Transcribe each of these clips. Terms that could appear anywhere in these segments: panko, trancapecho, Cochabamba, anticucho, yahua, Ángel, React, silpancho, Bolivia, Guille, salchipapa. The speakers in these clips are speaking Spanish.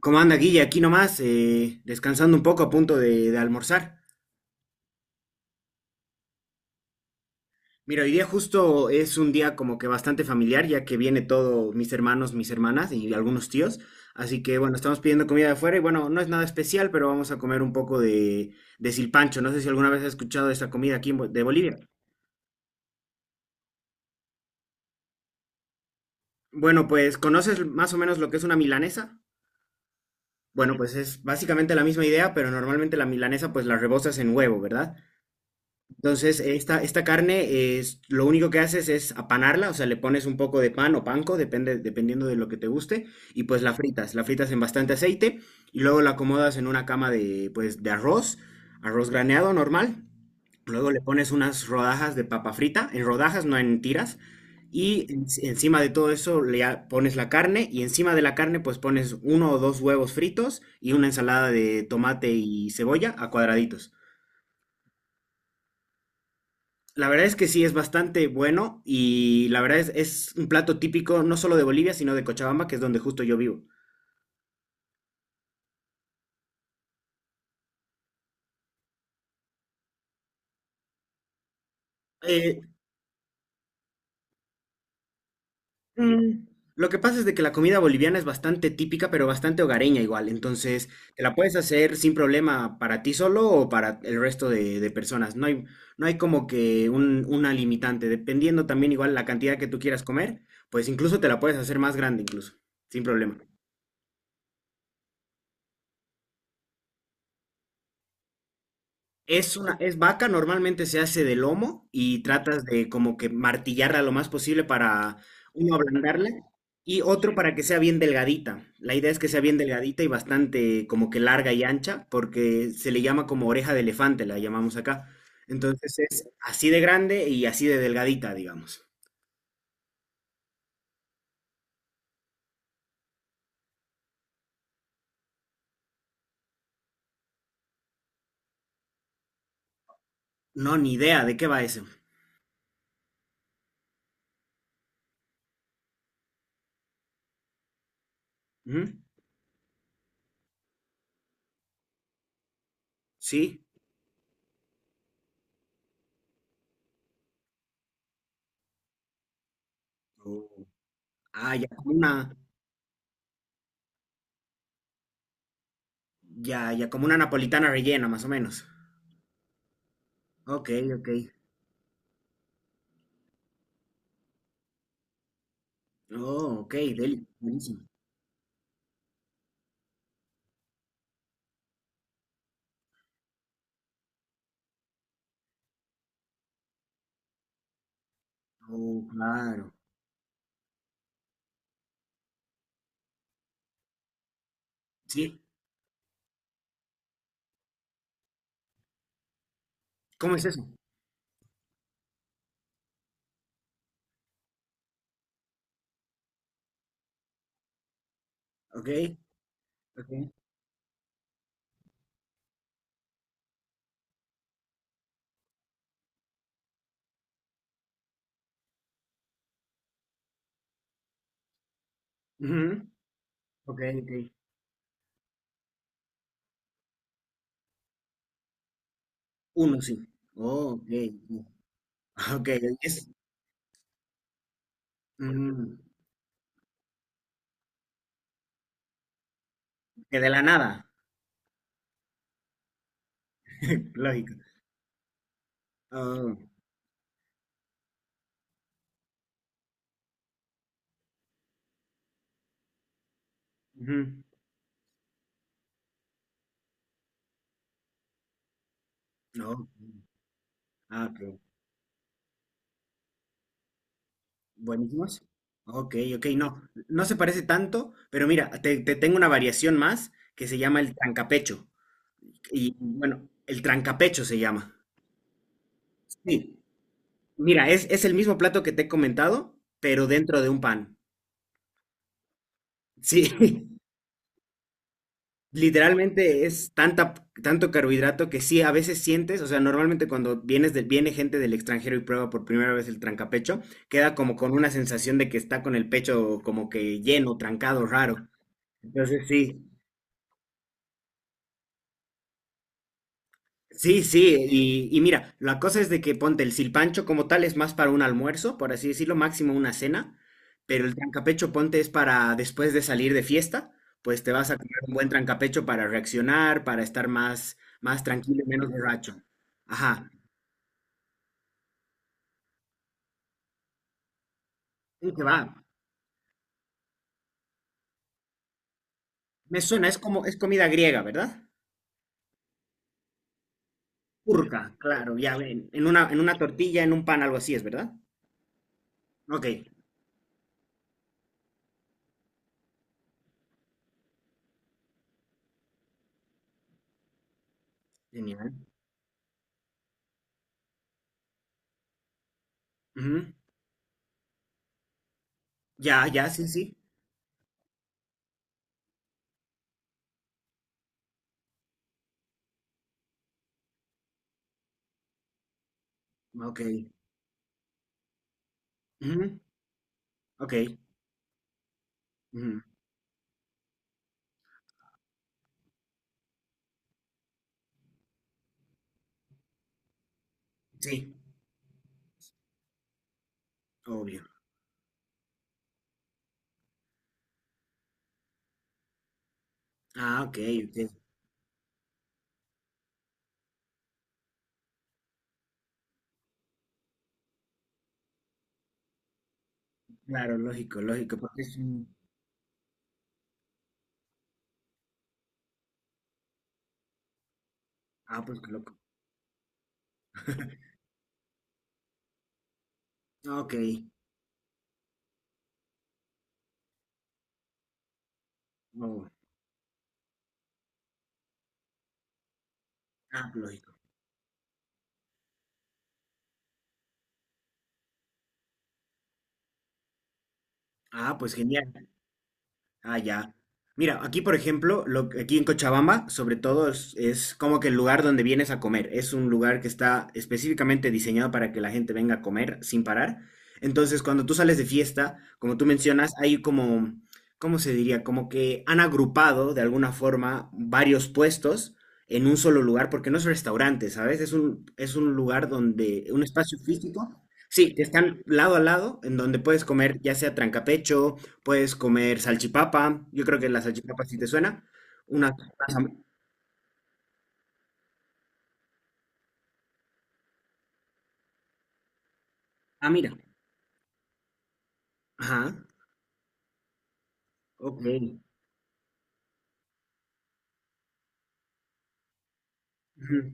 ¿Cómo anda, Guille? Aquí nomás, descansando un poco a punto de almorzar. Mira, hoy día justo es un día como que bastante familiar, ya que viene todo mis hermanos, mis hermanas y algunos tíos. Así que bueno, estamos pidiendo comida de afuera y bueno, no es nada especial, pero vamos a comer un poco de silpancho. No sé si alguna vez has escuchado de esta comida aquí en de Bolivia. Bueno, pues ¿conoces más o menos lo que es una milanesa? Bueno, pues es básicamente la misma idea, pero normalmente la milanesa pues la rebozas en huevo, ¿verdad? Entonces, esta carne es, lo único que haces es apanarla, o sea, le pones un poco de pan o panko, dependiendo de lo que te guste, y pues la fritas en bastante aceite, y luego la acomodas en una cama de, pues, de arroz, arroz graneado normal, luego le pones unas rodajas de papa frita, en rodajas, no en tiras, y encima de todo eso le pones la carne, y encima de la carne pues pones uno o dos huevos fritos y una ensalada de tomate y cebolla a cuadraditos. La verdad es que sí, es bastante bueno y la verdad es un plato típico no solo de Bolivia, sino de Cochabamba, que es donde justo yo vivo. Eh, mm, lo que pasa es de que la comida boliviana es bastante típica, pero bastante hogareña igual. Entonces, te la puedes hacer sin problema para ti solo o para el resto de personas. No hay como que una limitante. Dependiendo también igual la cantidad que tú quieras comer, pues incluso te la puedes hacer más grande incluso, sin problema. Es una, es vaca, normalmente se hace de lomo y tratas de como que martillarla lo más posible para uno ablandarla y otro para que sea bien delgadita. La idea es que sea bien delgadita y bastante como que larga y ancha porque se le llama como oreja de elefante, la llamamos acá. Entonces es así de grande y así de delgadita, digamos. No, ni idea de qué va eso. Ujú. ¿Sí? Oh. Ah, ya como una, ya, ya como una napolitana rellena, más o menos. Ok, ok. Oh, ok, Delhi, buenísimo. Oh, claro. Sí, ¿cómo es eso? Ok, ok, ujú. Ok, ok. Uno, sí. Oh, ok, sí. Ok, es, ujú, que de la nada. Lógico. Oh, ujú, no. Ah, ok. Buenísimos. Ok, ok, no. No se parece tanto, pero mira, te tengo una variación más que se llama el trancapecho. Y bueno, el trancapecho se llama. Sí, mira, es el mismo plato que te he comentado, pero dentro de un pan. Sí, literalmente es tanta, tanto carbohidrato que sí, a veces sientes, o sea, normalmente cuando vienes del viene gente del extranjero y prueba por primera vez el trancapecho, queda como con una sensación de que está con el pecho como que lleno, trancado, raro. Entonces sí, sí, sí, y mira, la cosa es de que ponte el silpancho como tal es más para un almuerzo, por así decirlo, máximo una cena, pero el trancapecho ponte es para después de salir de fiesta, pues te vas a comer un buen trancapecho para reaccionar, para estar más, más tranquilo y menos borracho. Ajá, ¿y qué va? Me suena, es como, es comida griega, ¿verdad? Turca, claro, ya ven, en una tortilla, en un pan, algo así es, ¿verdad? Ok, genial. Ujú. Ya, ya, sí, sí. Ok, ujú. Ok, ujú. Sí, obvio. Ah, ok, ok. Claro, lógico, lógico, porque es un... Ah, pues qué loco. Ok. Oh, ah, lógico. Ah, pues genial. Ah, ya. Mira, aquí por ejemplo, aquí en Cochabamba, sobre todo, es como que el lugar donde vienes a comer. Es un lugar que está específicamente diseñado para que la gente venga a comer sin parar. Entonces, cuando tú sales de fiesta, como tú mencionas, hay como, ¿cómo se diría? Como que han agrupado de alguna forma varios puestos en un solo lugar, porque no es restaurante, ¿sabes? Es un lugar donde, un espacio físico, sí, que están lado a lado, en donde puedes comer ya sea trancapecho. Puedes comer salchipapa. Yo creo que la salchipapa sí te suena. Una, unas ham- ah, mira. Ajá. Ok. Ujú.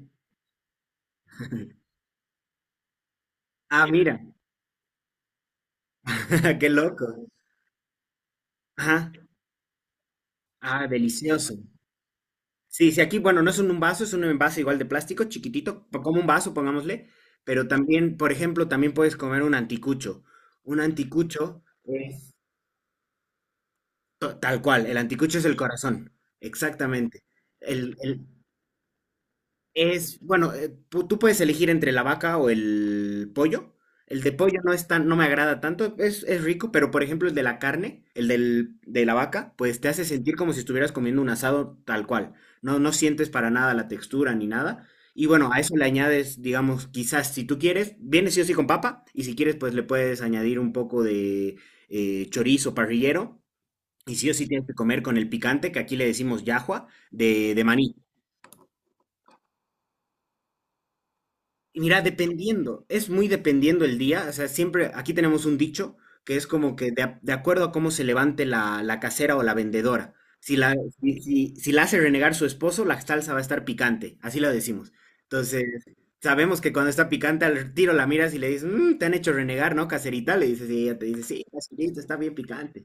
Ah, mira. Qué loco. Ajá. Ah, delicioso. Sí, sí, aquí, bueno, no un vaso, es un envase igual de plástico, chiquitito, como un vaso, pongámosle, pero también, por ejemplo, también puedes comer un anticucho. Un anticucho es tal cual, el anticucho es el corazón, exactamente. el el- Es, bueno, tú puedes elegir entre la vaca o el pollo. El de pollo no es tan, no me agrada tanto, es rico, pero por ejemplo el de la carne, de la vaca, pues te hace sentir como si estuvieras comiendo un asado tal cual. No, no sientes para nada la textura ni nada. Y bueno, a eso le añades, digamos, quizás si tú quieres, viene sí o sí con papa, y si quieres, pues le puedes añadir un poco de chorizo parrillero, y sí o sí tienes que comer con el picante, que aquí le decimos yahua, de maní. Mira, dependiendo, es muy dependiendo el día, o sea, siempre aquí tenemos un dicho que es como que de, de acuerdo a cómo se levante la casera o la vendedora. Si la, si la hace renegar su esposo, la salsa va a estar picante, así lo decimos. Entonces, sabemos que cuando está picante al tiro la miras y le dices, "Mm, te han hecho renegar, ¿no, caserita?" Le dices, y ella te dice, sí, caserita, está bien picante.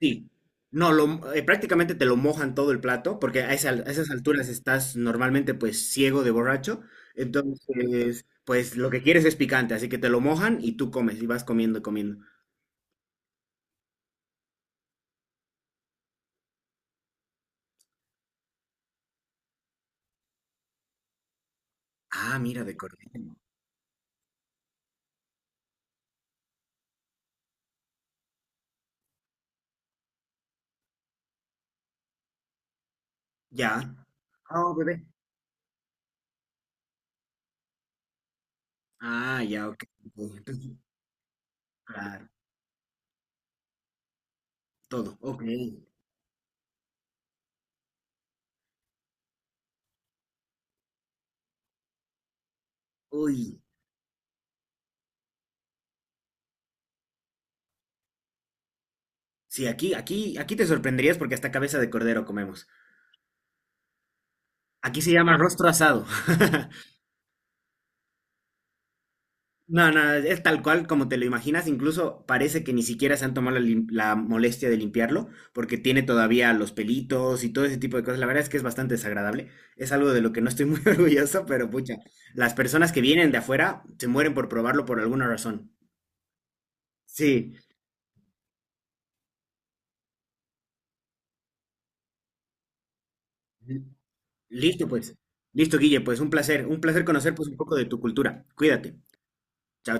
Sí. No, lo, prácticamente te lo mojan todo el plato, porque a, a esas alturas estás normalmente pues ciego de borracho. Entonces, pues lo que quieres es picante, así que te lo mojan y tú comes y vas comiendo y comiendo. Ah, mira, de cordero. Ya. Ah, oh, bebé. Ah, ya, ok. Ok, entonces, claro, todo. Ok. Uy. Sí, aquí, aquí, aquí te sorprenderías porque hasta cabeza de cordero comemos. Aquí se llama rostro asado. No, no, es tal cual como te lo imaginas, incluso parece que ni siquiera se han tomado la molestia de limpiarlo, porque tiene todavía los pelitos y todo ese tipo de cosas. La verdad es que es bastante desagradable, es algo de lo que no estoy muy orgulloso, pero pucha, las personas que vienen de afuera se mueren por probarlo por alguna razón. Sí. Ujú. Listo pues, listo Guille, pues un placer conocer pues un poco de tu cultura. Cuídate, chao.